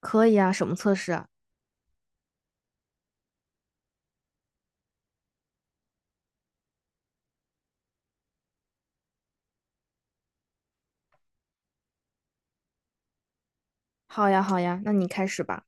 可以啊，什么测试啊？好呀，好呀，那你开始吧。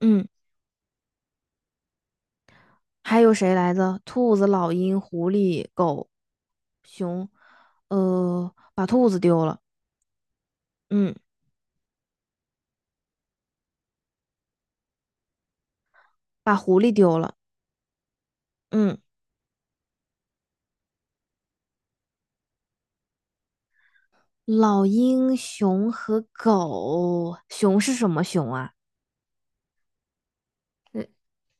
嗯，还有谁来着？兔子、老鹰、狐狸、狗、熊。把兔子丢了。嗯，把狐狸丢了。嗯，老鹰、熊和狗。熊是什么熊啊？呃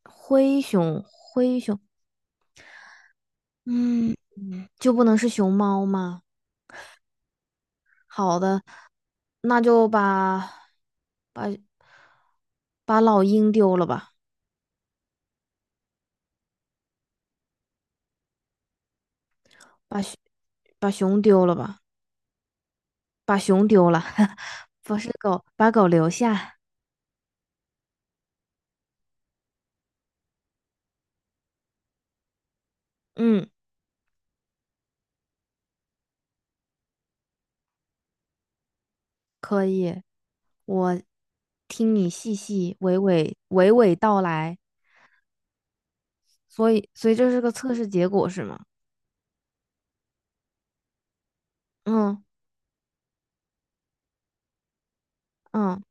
灰熊，灰熊。嗯，就不能是熊猫吗？好的，那就把把老鹰丢了吧。把熊把熊丢了吧，把熊丢了，不是狗，把狗留下。嗯，可以，我听你细细娓娓道来，所以这是个测试结果是吗？嗯嗯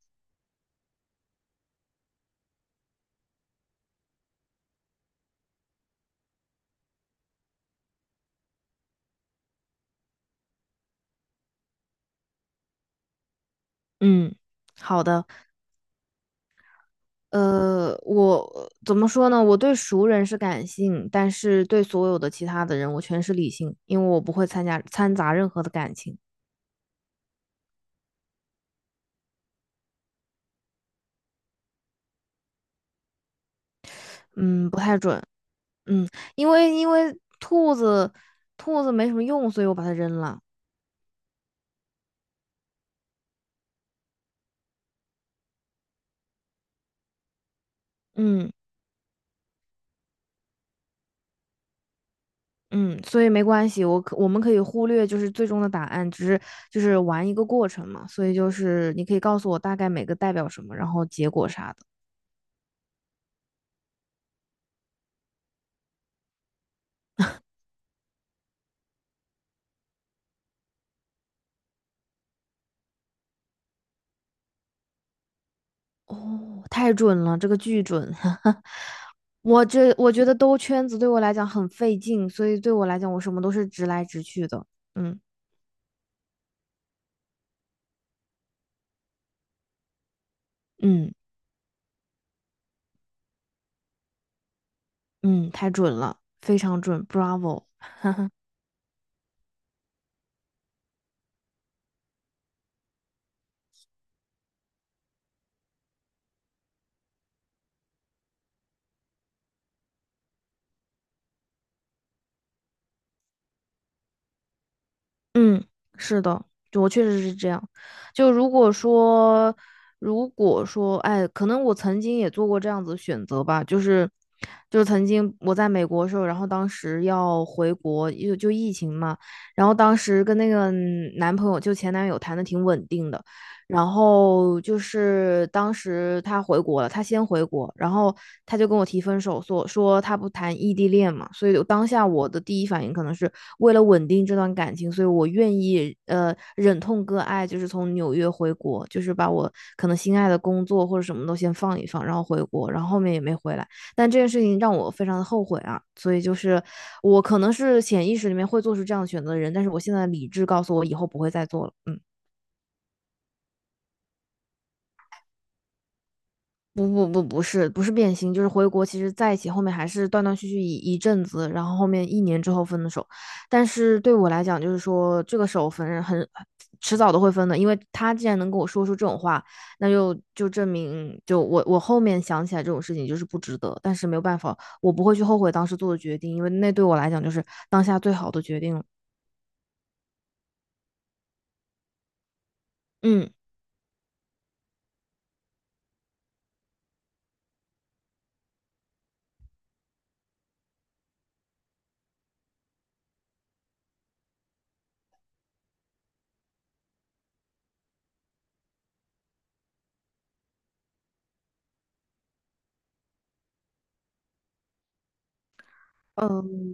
嗯，好的。我怎么说呢？我对熟人是感性，但是对所有的其他的人，我全是理性，因为我不会参加掺杂任何的感情。嗯，不太准。嗯，因为兔子没什么用，所以我把它扔了。嗯嗯，所以没关系，我们可以忽略就是最终的答案，只是就是玩一个过程嘛。所以就是你可以告诉我大概每个代表什么，然后结果啥的。哦，太准了，这个巨准。我觉得兜圈子对我来讲很费劲，所以对我来讲我什么都是直来直去的。嗯嗯嗯，太准了，非常准，Bravo。嗯，是的，就我确实是这样。就如果说，如果说，哎，可能我曾经也做过这样子的选择吧，就是，就是曾经我在美国的时候，然后当时要回国，就疫情嘛，然后当时跟那个男朋友，就前男友谈的挺稳定的，然后就是当时他回国了，他先回国，然后他就跟我提分手，说他不谈异地恋嘛，所以我当下我的第一反应可能是为了稳定这段感情，所以我愿意忍痛割爱，就是从纽约回国，就是把我可能心爱的工作或者什么都先放一放，然后回国，然后后面也没回来。但这件事情让我非常的后悔啊，所以就是我可能是潜意识里面会做出这样的选择的人，但是我现在理智告诉我以后不会再做了，嗯。不不不，不是不是变心，就是回国。其实在一起后面还是断断续续一阵子，然后后面一年之后分的手。但是对我来讲，就是说这个手分很迟早都会分的，因为他既然能跟我说出这种话，那就证明就我后面想起来这种事情就是不值得。但是没有办法，我不会去后悔当时做的决定，因为那对我来讲就是当下最好的决定嗯。嗯，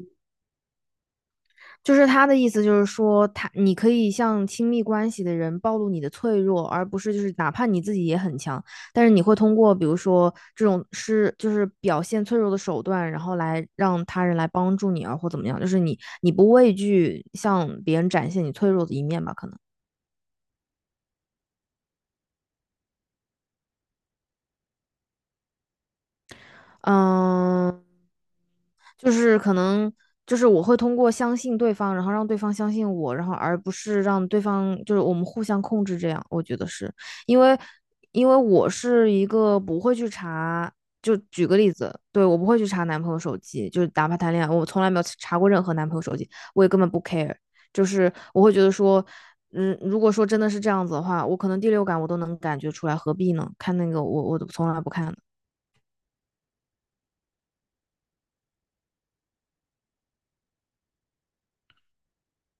就是他的意思，就是说他你可以向亲密关系的人暴露你的脆弱，而不是就是哪怕你自己也很强，但是你会通过比如说这种是就是表现脆弱的手段，然后来让他人来帮助你啊，或怎么样，就是你不畏惧向别人展现你脆弱的一面吧，可能，嗯。就是可能就是我会通过相信对方，然后让对方相信我，然后而不是让对方就是我们互相控制这样，我觉得是因为因为我是一个不会去查，就举个例子，对我不会去查男朋友手机，就是哪怕谈恋爱，我从来没有查过任何男朋友手机，我也根本不 care,就是我会觉得说。嗯，如果说真的是这样子的话，我可能第六感我都能感觉出来，何必呢？看那个我从来不看的。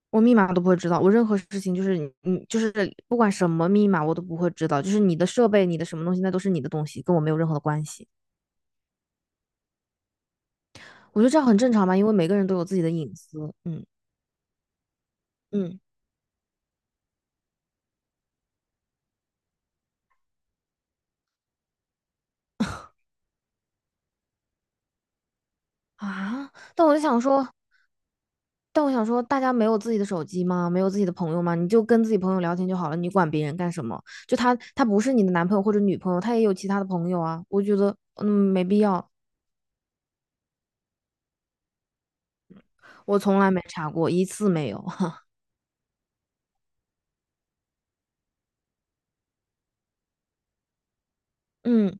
我密码都不会知道，我任何事情就是你就是不管什么密码我都不会知道，就是你的设备、你的什么东西，那都是你的东西，跟我没有任何的关系。我觉得这样很正常吧，因为每个人都有自己的隐私。嗯嗯啊，但我就想说，但我想说，大家没有自己的手机吗？没有自己的朋友吗？你就跟自己朋友聊天就好了，你管别人干什么？就他不是你的男朋友或者女朋友，他也有其他的朋友啊。我觉得没必要，我从来没查过一次没有。嗯。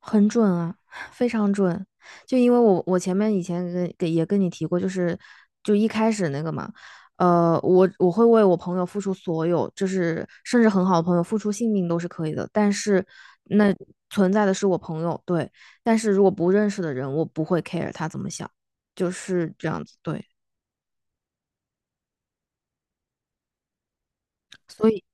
很准啊，非常准。就因为我前面以前跟也跟你提过，就是就一开始那个嘛，我会为我朋友付出所有，就是甚至很好的朋友付出性命都是可以的，但是那存在的是我朋友，对，但是如果不认识的人，我不会 care 他怎么想，就是这样子，对，所以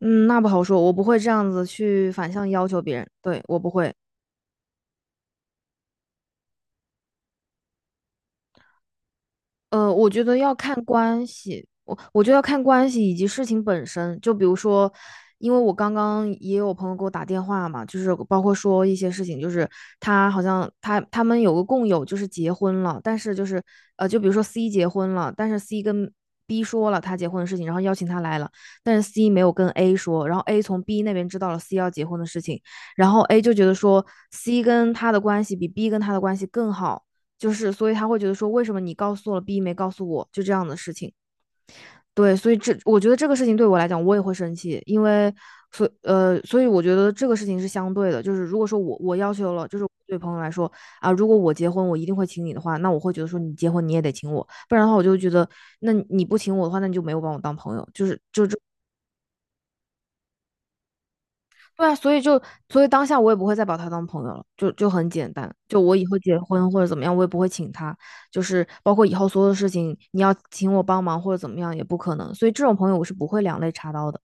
嗯，那不好说，我不会这样子去反向要求别人，对，我不会。我觉得要看关系，我觉得要看关系以及事情本身。就比如说，因为我刚刚也有朋友给我打电话嘛，就是包括说一些事情，就是他好像他他们有个共有，就是结婚了，但是就是就比如说 C 结婚了，但是 C 跟 B 说了他结婚的事情，然后邀请他来了，但是 C 没有跟 A 说，然后 A 从 B 那边知道了 C 要结婚的事情，然后 A 就觉得说 C 跟他的关系比 B 跟他的关系更好。就是所以他会觉得说，为什么你告诉我了 B 没告诉我，就这样的事情。对，所以这我觉得这个事情对我来讲，我也会生气，因为所以我觉得这个事情是相对的，就是如果说我要求了，就是对朋友来说啊，如果我结婚我一定会请你的话，那我会觉得说你结婚你也得请我，不然的话我就觉得那你不请我的话，那你就没有把我当朋友，就是就这对啊，所以当下我也不会再把他当朋友了，就很简单。就我以后结婚或者怎么样，我也不会请他，就是包括以后所有的事情，你要请我帮忙或者怎么样也不可能。所以这种朋友我是不会两肋插刀的。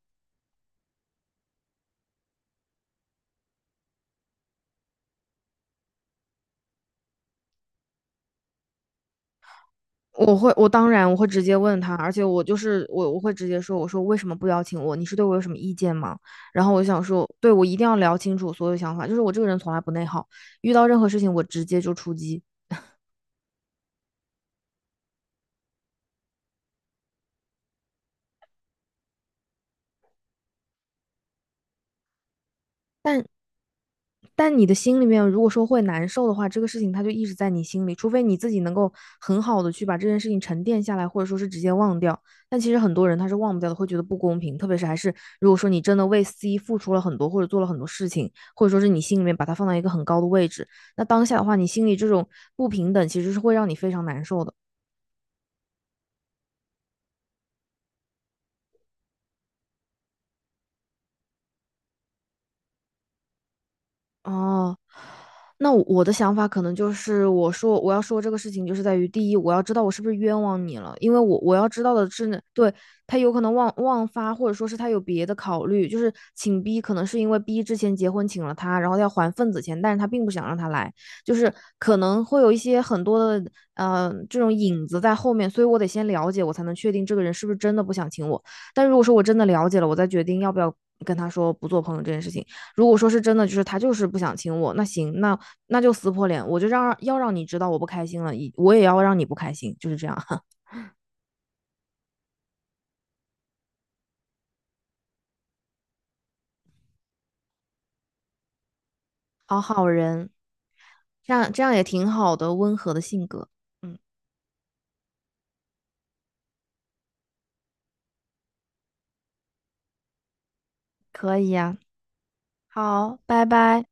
我会，我当然我会直接问他，而且我会直接说，我说为什么不邀请我？你是对我有什么意见吗？然后我就想说，对我一定要聊清楚所有想法，就是我这个人从来不内耗，遇到任何事情我直接就出击。但但你的心里面如果说会难受的话，这个事情它就一直在你心里，除非你自己能够很好的去把这件事情沉淀下来，或者说是直接忘掉。但其实很多人他是忘不掉的，会觉得不公平，特别是还是如果说你真的为 C 付出了很多，或者做了很多事情，或者说是你心里面把它放到一个很高的位置，那当下的话，你心里这种不平等其实是会让你非常难受的。哦，那我的想法可能就是，我说我要说这个事情，就是在于第一，我要知道我是不是冤枉你了，因为我要知道的是，对，他有可能忘发，或者说是他有别的考虑，就是请 B 可能是因为 B 之前结婚请了他，然后要还份子钱，但是他并不想让他来，就是可能会有一些很多的这种影子在后面，所以我得先了解，我才能确定这个人是不是真的不想请我。但如果说我真的了解了，我再决定要不要跟他说不做朋友这件事情。如果说是真的，就是他就是不想亲我，那行，那就撕破脸，我就要让你知道我不开心了，我也要让你不开心，就是这样。好好人，这样也挺好的，温和的性格，嗯，可以呀、啊好，拜拜。